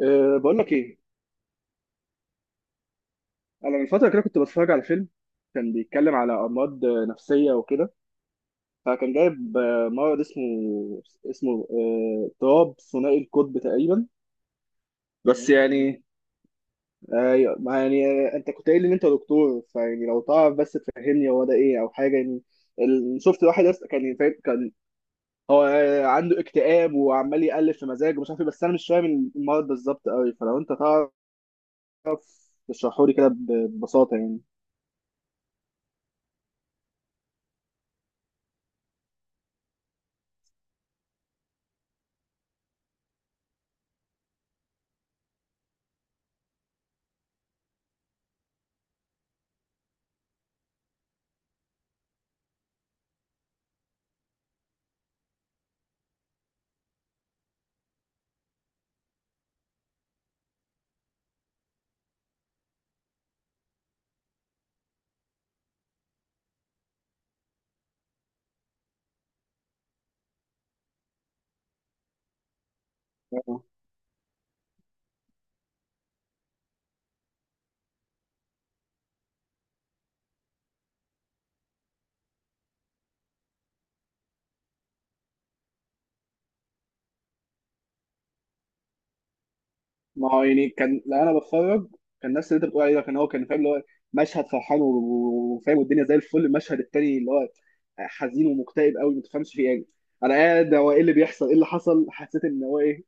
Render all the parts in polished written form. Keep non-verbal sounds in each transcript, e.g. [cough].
أه بقول لك ايه. انا من فتره كده كنت بتفرج على فيلم، كان بيتكلم على امراض نفسيه وكده. فكان جايب مرض اسمه اضطراب ثنائي القطب تقريبا. بس يعني ايوه ما يعني انت كنت قايل لي ان انت دكتور، فيعني لو تعرف بس تفهمني هو ده ايه او حاجه يعني. شفت واحد كان هو عنده اكتئاب وعمال يقلب في مزاجه ومش عارف ايه، بس انا مش فاهم المرض بالظبط قوي، فلو انت تعرف تشرحه لي كده ببساطه يعني. ما هو يعني كان لو انا بتفرج كان نفس اللي انت بتقول عليه ده، كان هو كان فاهم اللي هو مشهد فرحان وفاهم والدنيا زي الفل، المشهد التاني اللي هو حزين ومكتئب قوي ما تفهمش فيه يعني. انا قاعد هو ايه اللي بيحصل، ايه اللي حصل، حسيت ان هو ايه،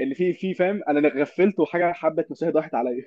ان في فاهم انا اللي غفلت وحاجه حبه مشاهد راحت عليا.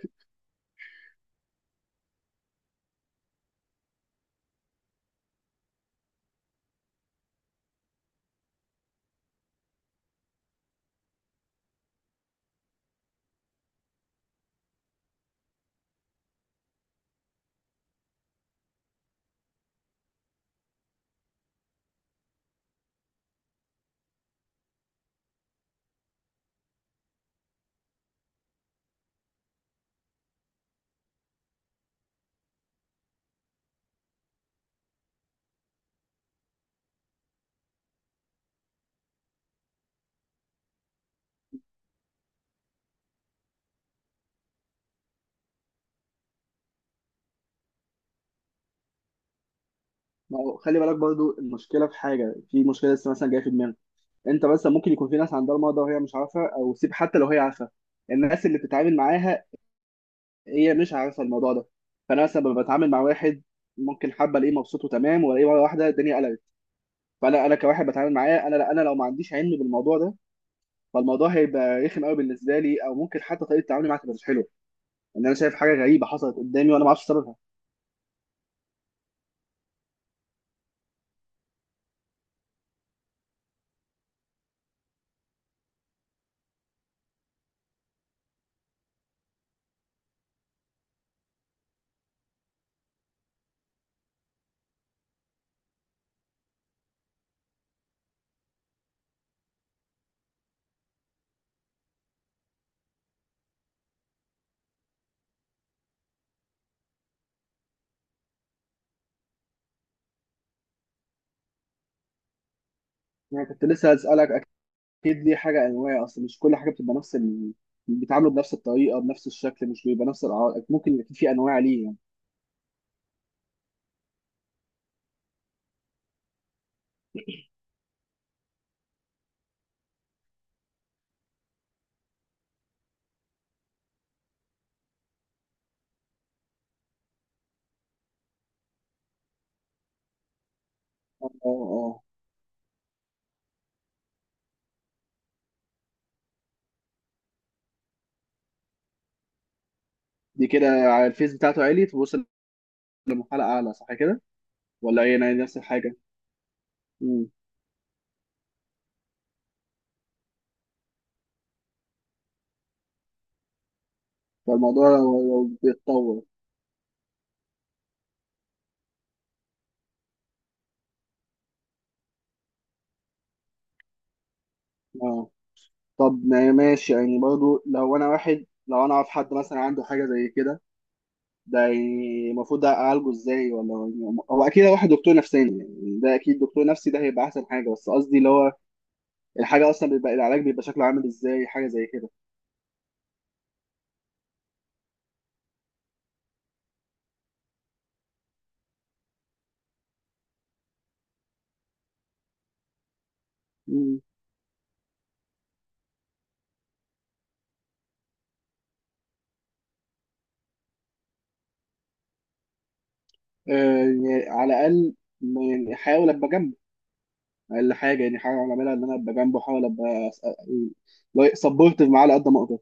ما هو خلي بالك برضو المشكله في حاجه، في مشكله لسه مثلا جايه في دماغي. انت مثلا ممكن يكون في ناس عندها المرض ده وهي مش عارفه، او سيب، حتى لو هي عارفه الناس اللي بتتعامل معاها هي مش عارفه الموضوع ده. فانا مثلا لما بتعامل مع واحد ممكن حابه الاقيه مبسوط وتمام والاقيه مره واحده الدنيا قلبت. فانا كواحد بتعامل معاه، انا لو ما عنديش علم بالموضوع ده، فالموضوع هيبقى رخم قوي بالنسبه لي، او ممكن حتى طريقه تعاملي معاه تبقى مش حلوه، ان انا شايف حاجه غريبه حصلت قدامي وانا ما اعرفش سببها. يعني كنت لسه هسالك، اكيد دي حاجه انواع، اصل مش كل حاجه بتبقى نفس ال... بيتعاملوا بنفس الطريقه بنفس الشكل، مش بيبقى نفس الاعراض، ممكن يكون في انواع ليه يعني. اه اه. دي كده على الفيس بتاعته عالي، توصل لمرحله اعلى صح كده ولا ايه؟ انا نفس الحاجه. مم. فالموضوع لو، لو بيتطور. اه. طب ما ماشي، يعني برضو لو انا واحد، لو انا اعرف حد مثلا عنده حاجه زي كده، ده يعني المفروض اعالجه ازاي؟ ولا يعني هو اكيد هروح لدكتور نفساني، يعني ده اكيد دكتور نفسي ده هيبقى احسن حاجه، بس قصدي اللي هو الحاجه اصلا بيبقى العلاج بيبقى شكله عامل ازاي حاجه زي كده. مم. آه يعني على الاقل، يعني احاول ابقى جنبه. اقل حاجه يعني حاجه اعملها ان انا ابقى جنبه، احاول ابقى سبورتيف معاه على قد ما اقدر.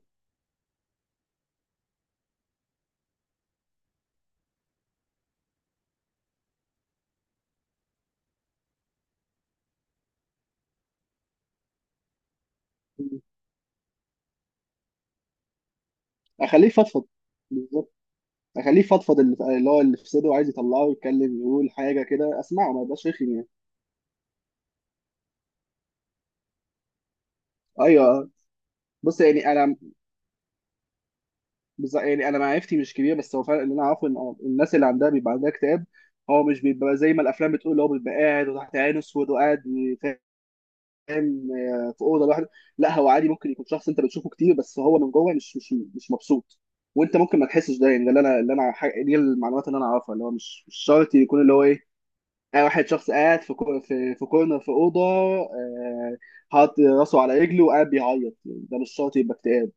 مم. اخليه يفضفض، اخليه يفضفض اللي هو اللي في صدره وعايز يطلعه، يتكلم، يقول حاجه كده اسمعه، ما يبقاش رخم يعني. ايوه آه. بص يعني انا يعني انا معرفتي مش كبيره، بس هو فعلا اللي انا اعرفه ان الناس اللي عندها بيبقى عندها اكتئاب، هو مش بيبقى زي ما الافلام بتقول، اللي هو بيبقى قاعد وتحت عينه اسود وقاعد، فاهم، في اوضه لوحده. لا هو عادي ممكن يكون شخص انت بتشوفه كتير بس هو من جوه مش مبسوط، وانت ممكن ما تحسش ده. يعني ده اللي انا، دي المعلومات اللي انا اعرفها، اللي هو مش شرط يكون اللي هو ايه، واحد شخص قاعد في في كورنر في اوضه، آه، حاطط راسه على رجله وقاعد بيعيط. يعني ده مش شرط يبقى اكتئاب.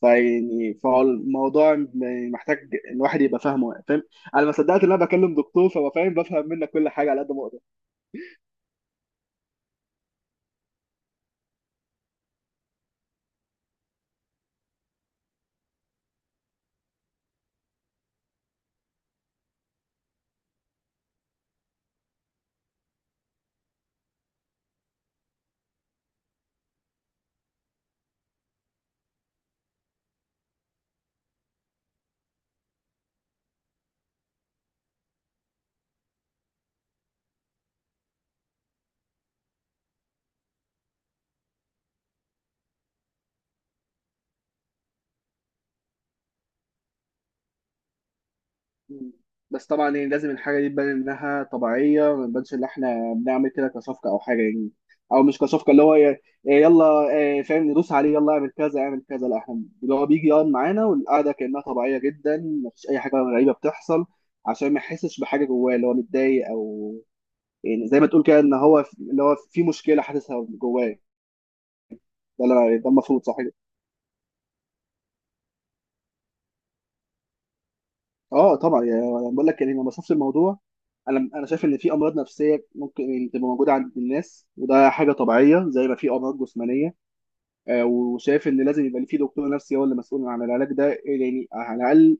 فيعني فالموضوع محتاج الواحد يبقى فاهمه، فاهم. انا ما صدقت ان انا بكلم دكتور، بفهم منك كل حاجه على قد ما اقدر. مم. بس طبعا يعني لازم الحاجة دي تبان إنها طبيعية، ما نبانش إن إحنا بنعمل كده كصفقة أو حاجة يعني. أو مش كصفقة اللي هو ي- يلا آه، فاهم، ندوس عليه يلا اعمل كذا اعمل كذا، لا، إحنا اللي هو بيجي يقعد معانا والقعدة كأنها طبيعية جدا، مفيش أي حاجة غريبة بتحصل، عشان ما يحسش بحاجة جواه اللي هو متضايق أو يعني زي ما تقول كده، إن هو اللي هو في مشكلة حاسسها جواه. ده المفروض، صح. اه طبعا، يعني انا بقول لك يعني ما بشوفش الموضوع، انا شايف ان في امراض نفسيه ممكن يعني تبقى موجوده عند الناس وده حاجه طبيعيه زي ما في امراض جسمانيه. وشايف ان لازم يبقى في دكتور نفسي هو اللي مسؤول عن العلاج ده، يعني على الاقل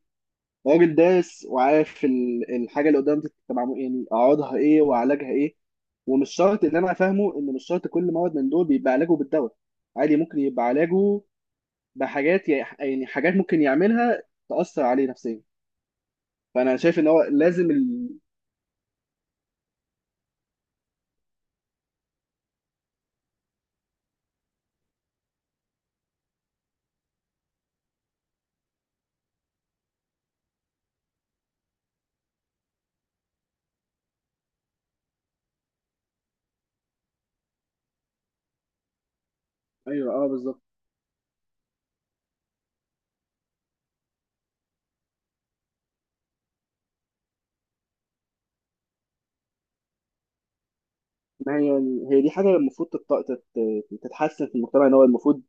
راجل دارس وعارف الحاجه اللي قدام دي تبقى يعني اعراضها ايه وعلاجها ايه. ومش شرط، اللي انا فاهمه ان مش شرط كل مرض من دول بيبقى علاجه بالدواء، عادي ممكن يبقى علاجه بحاجات، يعني حاجات ممكن يعملها تأثر عليه نفسيا. فانا شايف ان هو لازم. ايوه اه بالظبط. ما هي، هي دي حاجه المفروض تتحسن في المجتمع، ان هو المفروض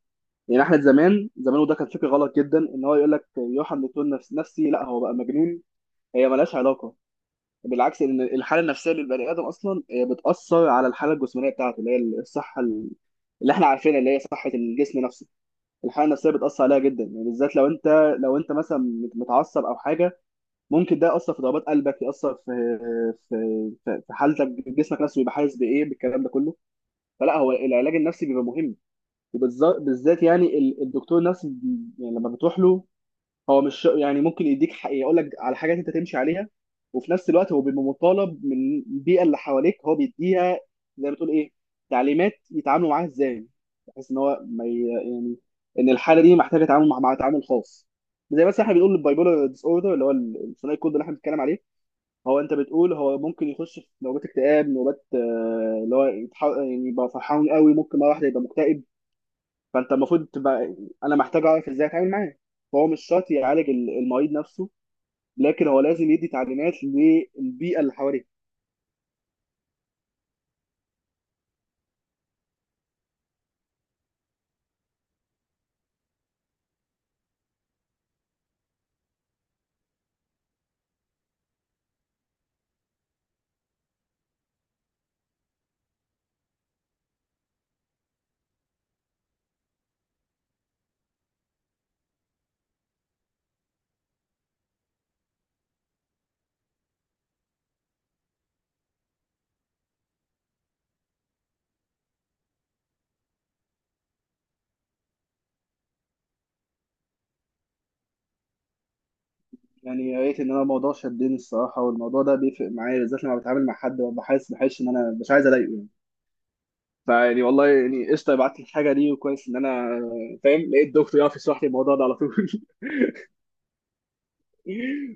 يعني احنا زمان وده كان فكر غلط جدا، ان هو يقول لك يوحنا دكتور نفسي لا هو بقى مجنون، هي ملهاش علاقه. بالعكس، ان الحاله النفسيه للبني ادم اصلا هي بتاثر على الحاله الجسمانيه بتاعته، اللي هي الصحه اللي احنا عارفينها اللي هي صحه الجسم نفسه. الحاله النفسيه بتاثر عليها جدا يعني، بالذات لو انت، لو انت مثلا متعصب او حاجه، ممكن ده يأثر في ضربات قلبك، يأثر في، في، في حالتك، جسمك نفسه بيبقى حاسس بإيه بالكلام ده كله. فلا هو العلاج النفسي بيبقى مهم، وبالذات يعني الدكتور نفسه يعني لما بتروح له هو مش يعني ممكن يديك يقول لك على حاجات انت تمشي عليها، وفي نفس الوقت هو بيبقى مطالب من البيئة اللي حواليك هو بيديها زي ما تقول ايه، تعليمات يتعاملوا معاها ازاي، بحيث ان هو ما يعني ان الحالة دي محتاجة تعامل مع، تعامل خاص. زي مثلا احنا بنقول البايبولار ديس اوردر اللي هو الثنائي القطبي اللي احنا بنتكلم عليه، هو انت بتقول هو ممكن يخش في نوبات اكتئاب، نوبات اللي هو يعني يبقى فرحان قوي ممكن مره واحده يبقى مكتئب. فانت المفروض تبقى، انا محتاج اعرف ازاي اتعامل معاه. فهو مش شرط يعالج المريض نفسه، لكن هو لازم يدي تعليمات للبيئه اللي حواليه. يعني يا ريت، ان انا الموضوع شدني الصراحه، والموضوع ده بيفرق معايا بالذات لما بتعامل مع حد وببقى حاسس بحس ان انا مش عايز اضايقه يعني. فيعني والله يعني قشطه بعت لي الحاجه دي، وكويس ان انا فاهم، لقيت دكتور يعرف يشرح لي الموضوع ده على طول. [laughs]